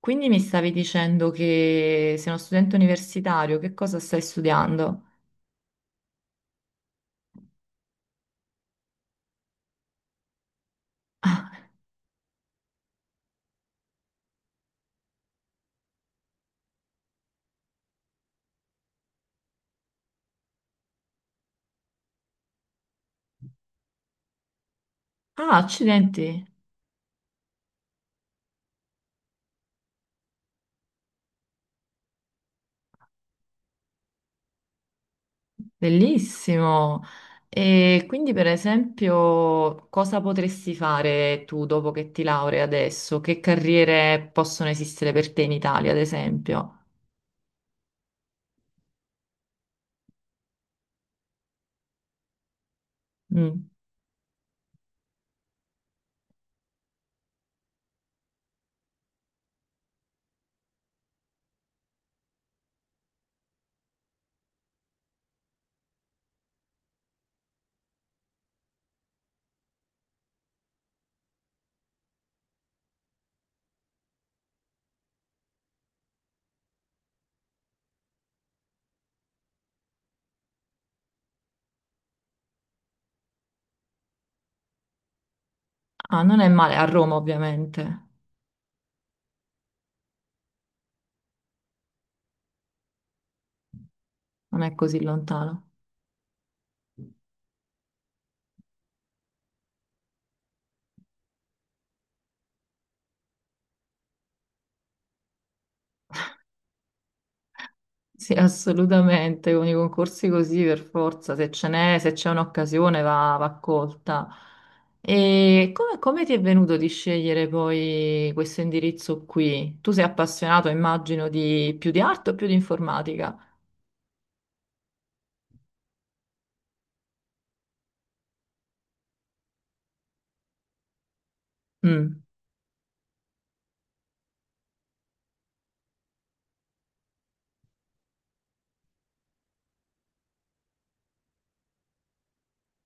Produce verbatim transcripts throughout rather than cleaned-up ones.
Quindi mi stavi dicendo che sei uno studente universitario, che cosa stai studiando? Ah, ah, accidenti, bellissimo. E quindi, per esempio, cosa potresti fare tu dopo che ti laurei adesso? Che carriere possono esistere per te in Italia, ad esempio? Mm. Ah, non è male, a Roma, ovviamente, non è così lontano. Sì, assolutamente, con i concorsi così per forza, se ce n'è, se c'è un'occasione va, va colta. E come, come ti è venuto di scegliere poi questo indirizzo qui? Tu sei appassionato, immagino, di più di arte o più di informatica? Mm,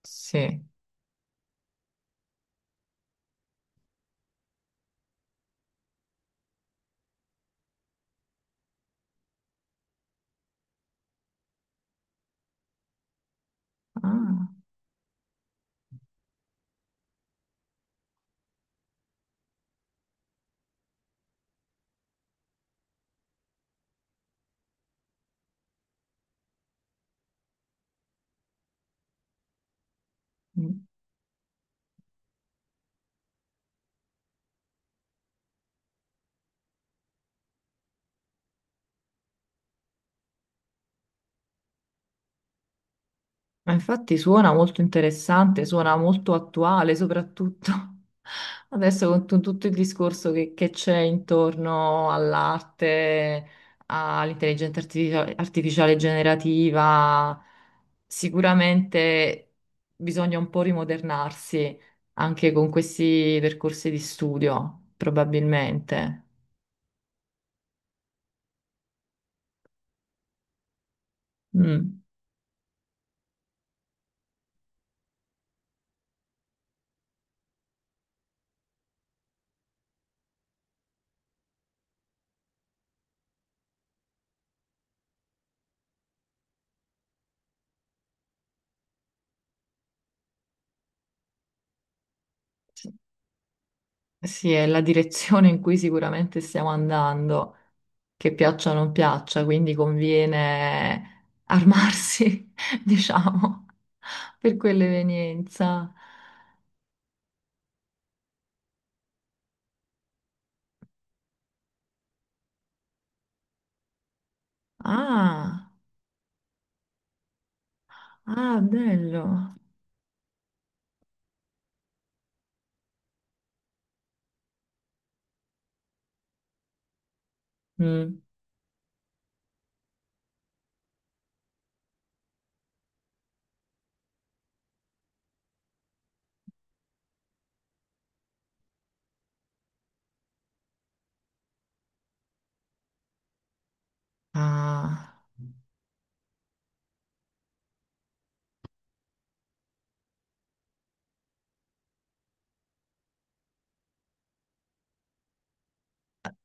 sì. Ah, mm. Ma infatti suona molto interessante, suona molto attuale, soprattutto adesso con tu- tutto il discorso che che c'è intorno all'arte, all'intelligenza artificia- artificiale generativa. Sicuramente bisogna un po' rimodernarsi anche con questi percorsi di studio, probabilmente. Mm. Sì, è la direzione in cui sicuramente stiamo andando, che piaccia o non piaccia, quindi conviene armarsi, diciamo, per quell'evenienza. Ah, ah, bello. Mm. Ah,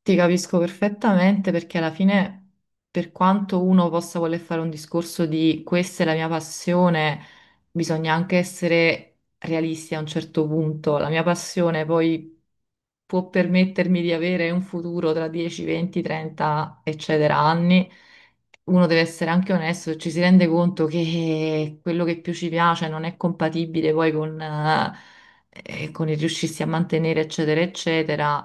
ti capisco perfettamente perché alla fine, per quanto uno possa voler fare un discorso di questa è la mia passione, bisogna anche essere realisti a un certo punto. La mia passione poi può permettermi di avere un futuro tra dieci, venti, trenta, eccetera, anni, uno deve essere anche onesto e ci si rende conto che quello che più ci piace non è compatibile poi con, eh, eh, con il riuscirsi a mantenere, eccetera, eccetera.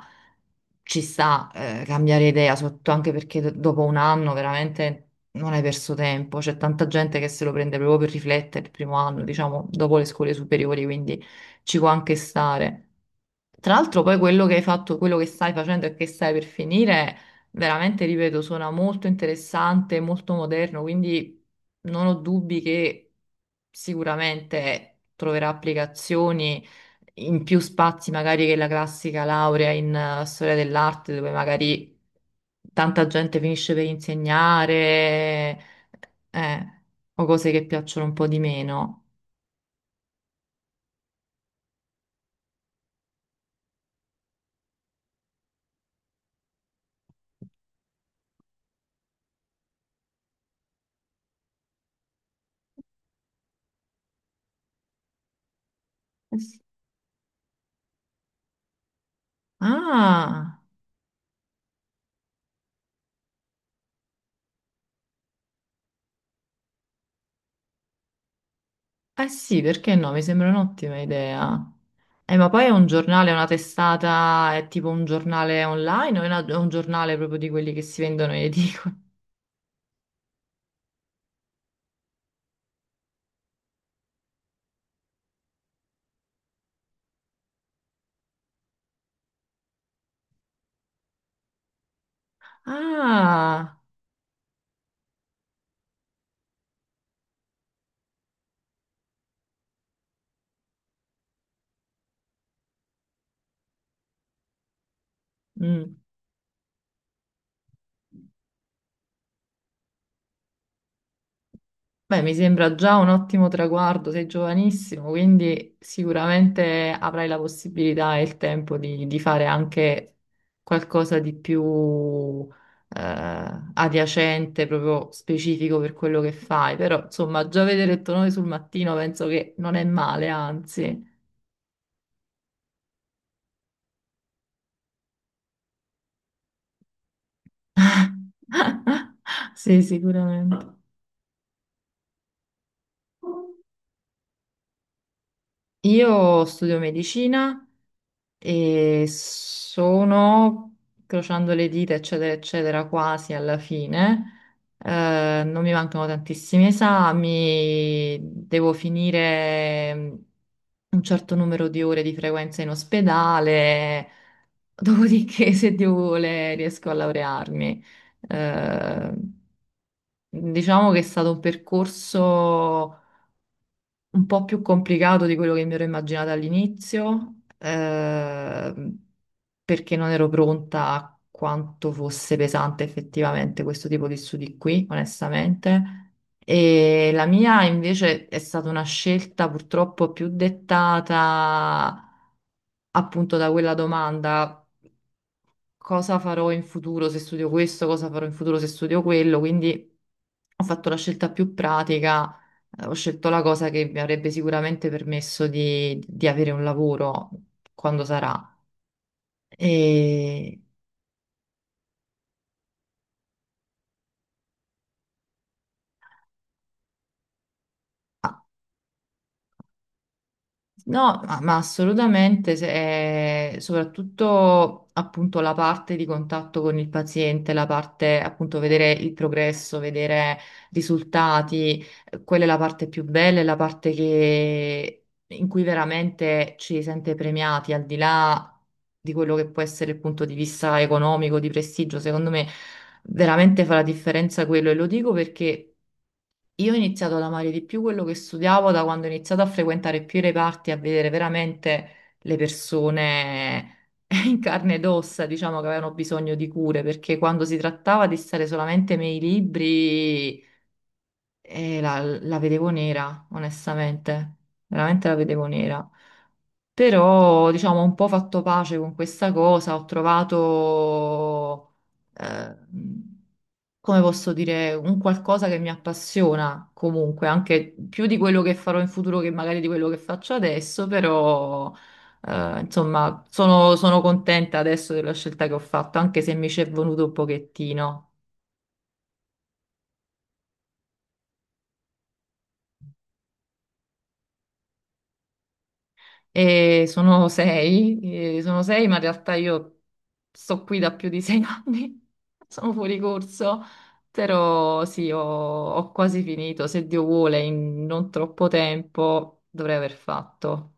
Ci sta, eh, cambiare idea, sotto, anche perché do- dopo un anno veramente non hai perso tempo. C'è tanta gente che se lo prende proprio per riflettere il primo anno, diciamo, dopo le scuole superiori, quindi ci può anche stare. Tra l'altro poi quello che hai fatto, quello che stai facendo e che stai per finire, veramente, ripeto, suona molto interessante, molto moderno, quindi non ho dubbi che sicuramente troverà applicazioni in più spazi magari che la classica laurea in eh, storia dell'arte, dove magari tanta gente finisce per insegnare, eh, o cose che piacciono un po' di meno. Ah! Eh sì, perché no? Mi sembra un'ottima idea. Eh, ma poi è un giornale, una testata, è tipo un giornale online o è, una- è un giornale proprio di quelli che si vendono in edicola? Ah, mm. Beh, mi sembra già un ottimo traguardo, sei giovanissimo, quindi sicuramente avrai la possibilità e il tempo di, di fare anche qualcosa di più eh, adiacente, proprio specifico per quello che fai. Però, insomma, già vedere il tuo nome sul Mattino penso che non è male, anzi. Sì, sicuramente. Io studio medicina e sono, crociando le dita, eccetera, eccetera, quasi alla fine. Eh, non mi mancano tantissimi esami, devo finire mm, un certo numero di ore di frequenza in ospedale, dopodiché, se Dio vuole, riesco a laurearmi. Eh, diciamo che è stato un percorso un po' più complicato di quello che mi ero immaginata all'inizio, ehm, perché non ero pronta a quanto fosse pesante effettivamente questo tipo di studi qui, onestamente. E la mia invece è stata una scelta purtroppo più dettata appunto da quella domanda, cosa farò in futuro se studio questo, cosa farò in futuro se studio quello. Quindi ho fatto la scelta più pratica, eh, ho scelto la cosa che mi avrebbe sicuramente permesso di, di avere un lavoro quando sarà. E... ah, no, ma, ma assolutamente, se- eh, soprattutto appunto la parte di contatto con il paziente, la parte appunto vedere il progresso, vedere risultati, eh, quella è la parte più bella, è la parte che- in cui veramente ci si sente premiati, al di là di quello che può essere il punto di vista economico, di prestigio. Secondo me veramente fa la differenza quello, e lo dico perché io ho iniziato ad amare di più quello che studiavo da quando ho iniziato a frequentare più i reparti, a vedere veramente le persone in carne ed ossa, diciamo, che avevano bisogno di cure, perché quando si trattava di stare solamente nei libri, eh, la, la vedevo nera, onestamente, veramente la vedevo nera. Però, diciamo, ho un po' fatto pace con questa cosa, ho trovato, eh, come posso dire, un qualcosa che mi appassiona comunque, anche più di quello che farò in futuro che magari di quello che faccio adesso, però, eh, insomma, sono, sono contenta adesso della scelta che ho fatto, anche se mi ci è venuto un pochettino. E sono sei, eh, sono sei, ma in realtà io sto qui da più di sei anni, sono fuori corso, però sì, ho, ho quasi finito, se Dio vuole, in non troppo tempo dovrei aver fatto.